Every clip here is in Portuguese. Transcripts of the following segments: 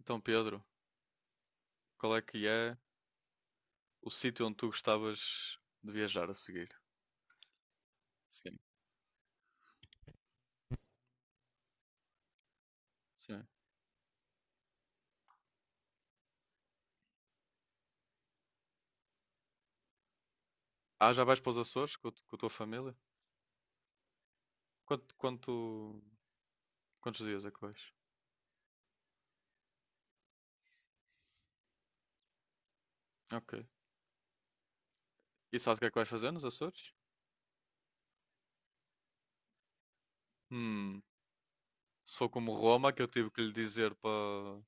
Então, Pedro, qual é que é o sítio onde tu gostavas de viajar a seguir? Sim, sim. Ah, já vais para os Açores com a tua família? Quanto, quanto- quantos dias é que vais? Ok. E sabes o que é que vais fazer nos Açores? Hum, Se for como Roma, que eu tive que lhe dizer para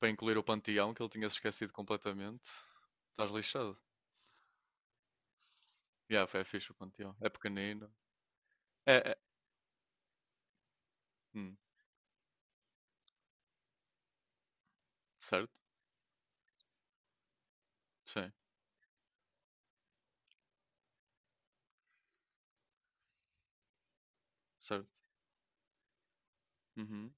para incluir o Panteão, que ele tinha se esquecido completamente, estás lixado. Yeah, foi fixe o Panteão. É pequenino. É, é. Hum, certo? Sim, certo. Uhum.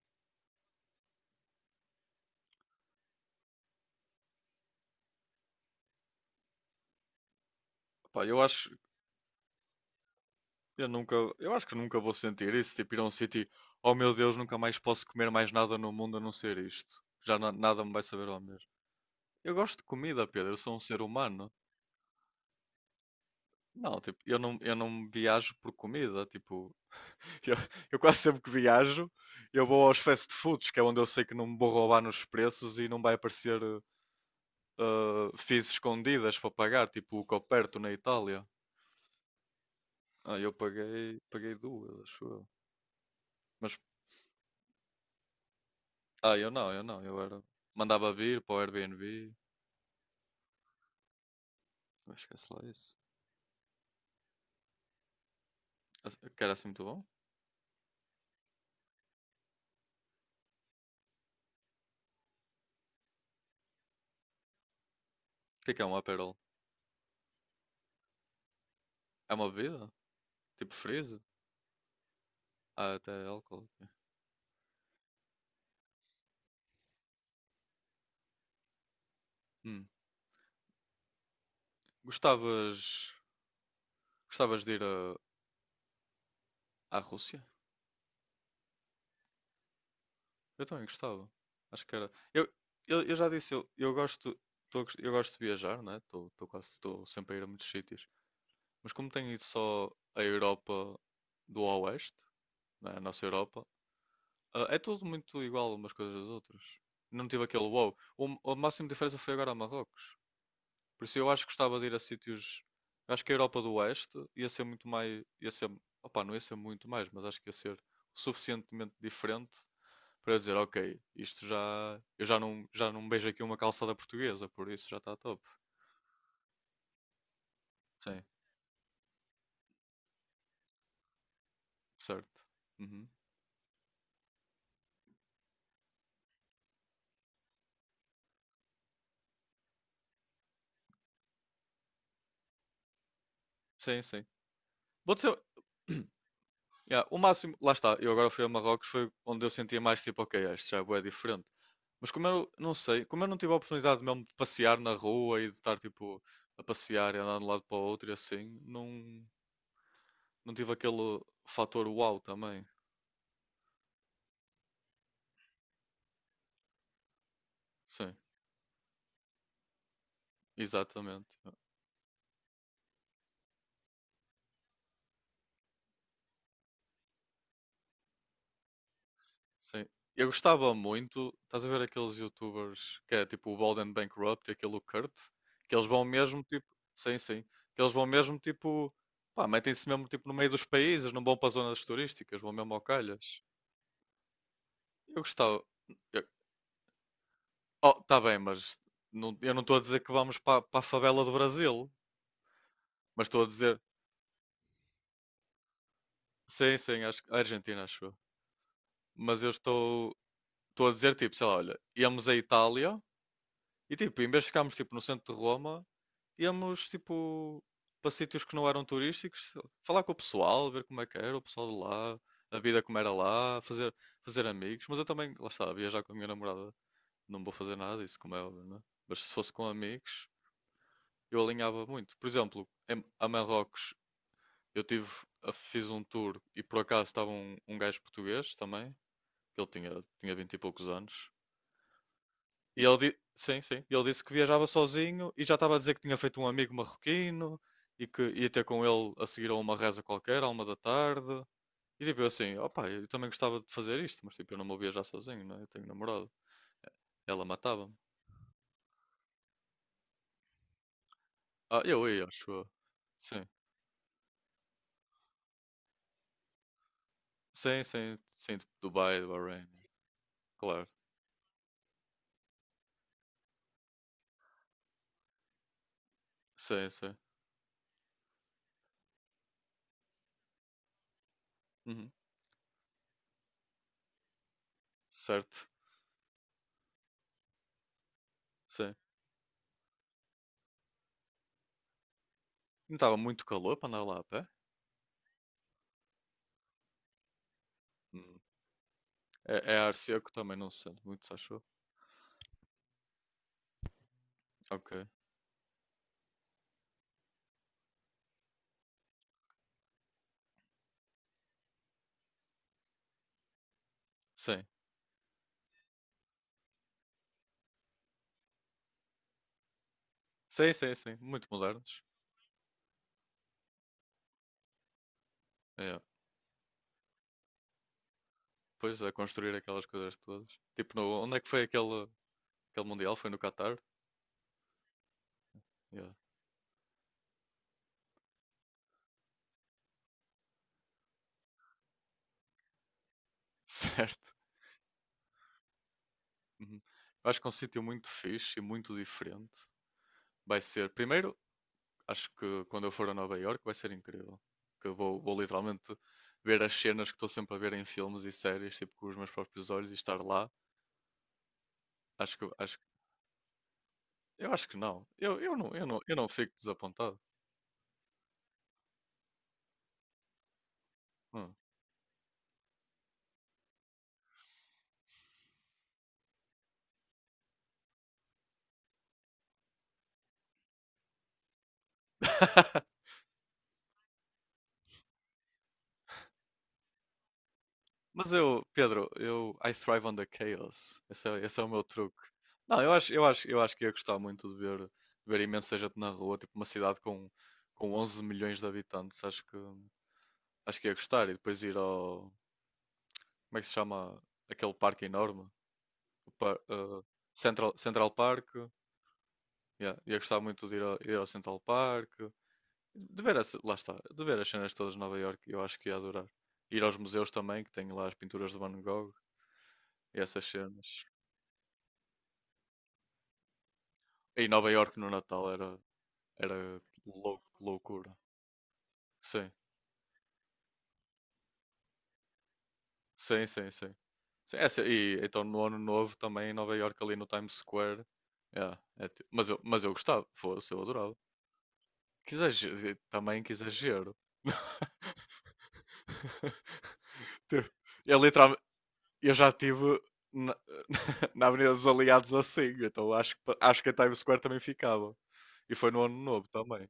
Pá, eu acho. Eu acho que nunca vou sentir isso, tipo ir a um sítio, oh meu Deus, nunca mais posso comer mais nada no mundo a não ser isto. Já nada me vai saber ao mesmo. Eu gosto de comida, Pedro, eu sou um ser humano. Não, tipo, eu não viajo por comida, tipo, eu, eu, quase sempre que viajo, eu vou aos fast foods, que é onde eu sei que não me vou roubar nos preços e não vai aparecer fees escondidas para pagar, tipo o Coperto na Itália. Ah, eu paguei duas, acho eu. Mas ah, eu não. Mandava vir para o Airbnb. Ah, esquece lá isso. Que era assim muito bom. O que é um Aperol? É uma bebida? Tipo freeze? Ah, até álcool. Hum. Gostavas... Gostavas de ir à Rússia? Eu também gostava. Acho que era... Eu já disse, eu gosto... Eu gosto de viajar, né? Estou quase... Estou sempre a ir a muitos sítios. Mas como tenho ido só à Europa do Oeste, né? A nossa Europa... Ah, é tudo muito igual umas coisas às outras. Não tive aquele wow. O máximo de diferença foi agora a Marrocos. Por isso eu acho que gostava de ir a sítios. Eu acho que a Europa do Oeste ia ser muito mais. Ia ser, opá, não ia ser muito mais, mas acho que ia ser suficientemente diferente para eu dizer, ok, isto já. Eu já não beijo aqui uma calçada portuguesa, por isso já está top. Sim, certo. Uhum. Sim, sim. Vou dizer, yeah, o máximo, lá está, eu agora fui a Marrocos, foi onde eu sentia mais tipo, ok, isto já é bué diferente. Mas como eu não sei, como eu não tive a oportunidade mesmo de passear na rua e de estar tipo a passear e andar de um lado para o outro e assim, não tive aquele fator uau também. Sim, exatamente. Sim. Eu gostava muito, estás a ver aqueles YouTubers que é tipo o Bald and Bankrupt e aquele o Kurt, que eles vão mesmo tipo, sim, sim, que eles vão mesmo tipo, pá, metem-se mesmo tipo no meio dos países, não vão para as zonas turísticas, vão mesmo ao calhas. Eu gostava. Oh, tá bem, mas eu não estou a dizer que vamos para a favela do Brasil, mas estou a dizer, sim, sim, a Argentina, acho eu. Mas eu estou a dizer, tipo, sei lá, olha, íamos à Itália e, tipo, em vez de ficarmos, tipo, no centro de Roma, íamos, tipo, para sítios que não eram turísticos, falar com o pessoal, ver como é que era o pessoal de lá, a vida como era lá, fazer amigos. Mas eu também, lá está, viajar com a minha namorada, não vou fazer nada disso, como é óbvio, não é? Mas se fosse com amigos, eu alinhava muito. Por exemplo, a Marrocos. Eu tive, Fiz um tour e por acaso estava um, gajo português também, que ele tinha 20 e poucos anos. E sim, sim, e ele disse que viajava sozinho e já estava a dizer que tinha feito um amigo marroquino e que ia ter com ele a seguir a uma reza qualquer, à 1 da tarde. E tipo, eu assim, opá, eu também gostava de fazer isto, mas tipo, eu não vou viajar sozinho, né? Eu tenho namorado. Ela matava-me. Ah, eu ia, acho eu. Sim, sim, sim, sim, tipo, Dubai, Bahrein, claro. Sim, sim. Uhum. Certo, sim. Não estava muito calor para andar lá a pé? Hum. É ar seco também, não se sente muito, achou? Ok. Sim. Sim, sim, sim. Muito modernos. É. Pois, a construir aquelas coisas todas. Tipo, no, onde é que foi aquele, Mundial? Foi no Qatar? Yeah. Certo. Uhum. Eu acho que é um sítio muito fixe e muito diferente. Vai ser, primeiro, acho que quando eu for a Nova Iorque vai ser incrível. Que eu vou literalmente ver as cenas que estou sempre a ver em filmes e séries, tipo, com os meus próprios olhos e estar lá. Acho que, acho Eu acho que não. Eu não fico desapontado. Hum. Mas eu, Pedro, eu I thrive on the chaos. Esse é o meu truque. Não, eu acho que ia gostar muito de ver, imensa gente na rua, tipo uma cidade com 11 milhões de habitantes. Acho que ia gostar. E depois ir ao, como é que se chama aquele parque enorme? O par- eh, Central Park. Yeah, ia gostar muito de ir ao Central Park. De ver, lá está, de ver as cenas todas de Nova Iorque, eu acho que ia adorar. Ir aos museus também, que tem lá as pinturas de Van Gogh e essas cenas. E Nova Iorque no Natal era loucura. Sim, sim, sim, sim. Sim, e então no ano novo também em Nova Iorque ali no Times Square. é, mas eu gostava, fosse, eu adorava. Que exagero, também que exagero. Tipo, é literal, eu já tive na, na Avenida dos Aliados assim, então acho que a Times Square também ficava. E foi no ano novo também.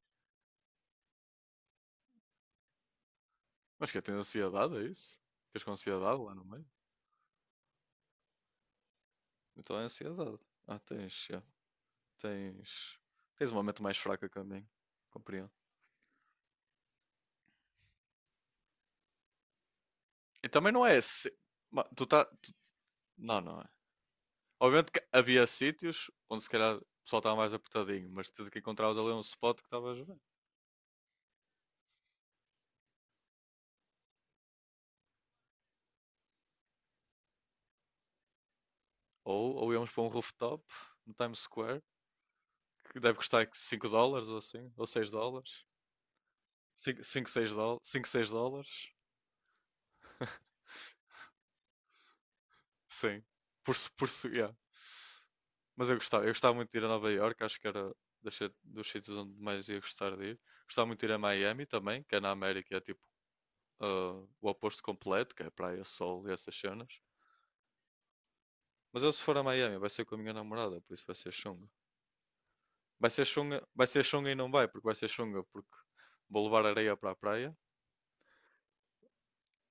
Mas que eu tenho ansiedade, é isso? Ficas com ansiedade lá no meio? Então é ansiedade. Ah, tens, já, tens, tens uma mente mais fraca que a minha. Compreendo. E também não é. Tu tá... Não, não é. Obviamente que havia sítios onde se calhar o pessoal estava mais apertadinho, mas tudo que encontravas ali um spot que estavas bem. Ou íamos para um rooftop no Times Square que deve custar $5 ou assim, ou $6. $5 $6. $5, $6. Sim. Por, se- Yeah. Mas eu gostava muito de ir a Nova Iorque, acho que era dos sítios onde mais ia gostar de ir. Gostava muito de ir a Miami também, que é na América, é tipo ah, o oposto completo, que é praia, sol e essas cenas. Mas eu se for a Miami vai ser com a minha namorada, por isso vai ser chunga. Vai ser chunga, vai ser chunga e não vai, porque vai ser chunga porque vou levar areia para a praia.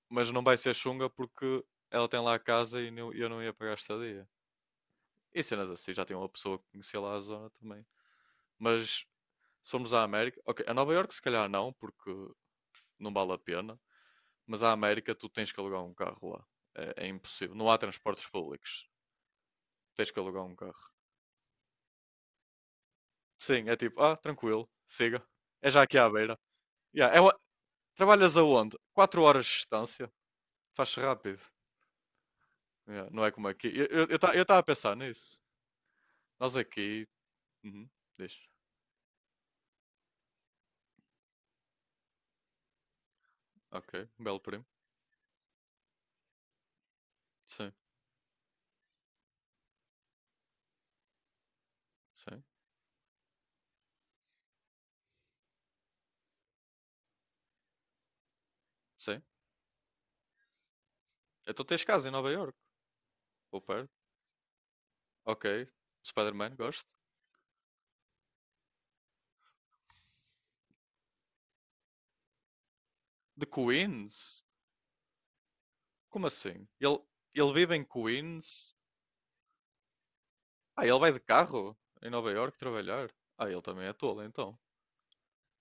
Mas não vai ser chunga porque ela tem lá a casa e eu não ia pagar a estadia. E cenas assim, já tem uma pessoa que conhecia lá a zona também. Mas se formos à América, ok, a Nova York se calhar não, porque não vale a pena, mas à América tu tens que alugar um carro lá. É impossível. Não há transportes públicos. Tens que alugar um carro. Sim, é tipo, ah, tranquilo, siga. É já aqui à beira. Yeah, trabalhas aonde? 4 horas de distância. Faz rápido. Yeah, não é como aqui. Eu estava eu ta- eu tava a pensar nisso. Nós aqui. Uhum, diz. Ok, belo primo. Sim, sim, sim. Então tens casa em Nova York, ou perto. Ok, Spider-Man, gosto. De Queens? Como assim? Ele vive em Queens? Ah, ele vai de carro em Nova York trabalhar? Ah, ele também é tolo, então.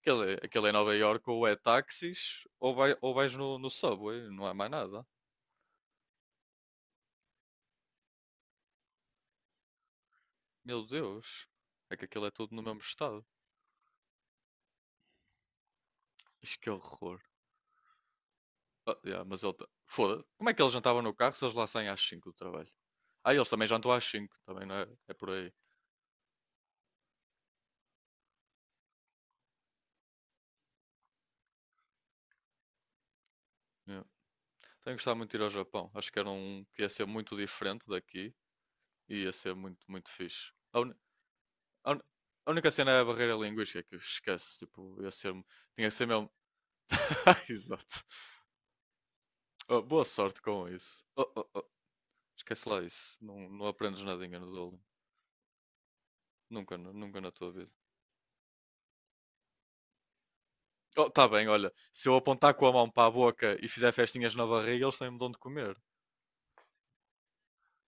Aquele em Nova York ou é táxis ou, ou vais no subway, não há mais nada. Meu Deus, é que aquilo é tudo no mesmo estado. Ixi, que horror. Ah, yeah, mas foda-se. Como é que eles jantavam no carro se eles lá saem às 5 do trabalho? Ah, eles também jantam às 5, também não é? É por aí. Yeah. Tenho gostado muito de ir ao Japão. Acho que era um que ia ser muito diferente daqui e ia ser muito, muito fixe. A uni- a única cena é a barreira linguística que esquece, tipo, ia ser, tinha que ser mesmo. Exato. Oh, boa sorte com isso. Oh, oh, oh, esquece lá isso. Não, não aprendes nadinha no Duolingo. Nunca, nunca na tua vida. Oh, tá bem, olha, se eu apontar com a mão para a boca e fizer festinhas na barriga, eles têm-me de onde comer.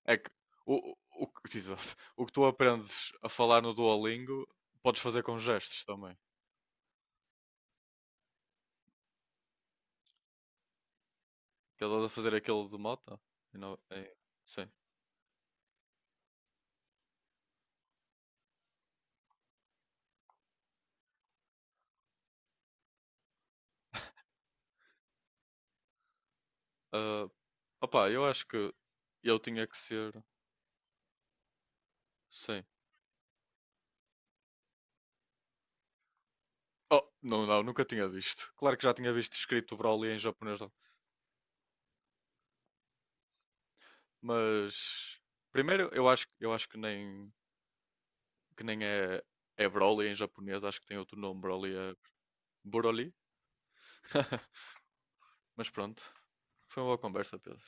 É que o, o, exato. O que tu aprendes a falar no Duolingo, podes fazer com gestos também. Que ele a fazer aquilo de moto. E é, sim. Ah, opá, eu acho que eu tinha que ser. Sim. Oh, não, não, nunca tinha visto. Claro que já tinha visto escrito Broly em japonês, mas primeiro eu acho que nem, é Broly em japonês, acho que tem outro nome, Broly é Broly, mas pronto. Foi uma boa conversa, Pedro.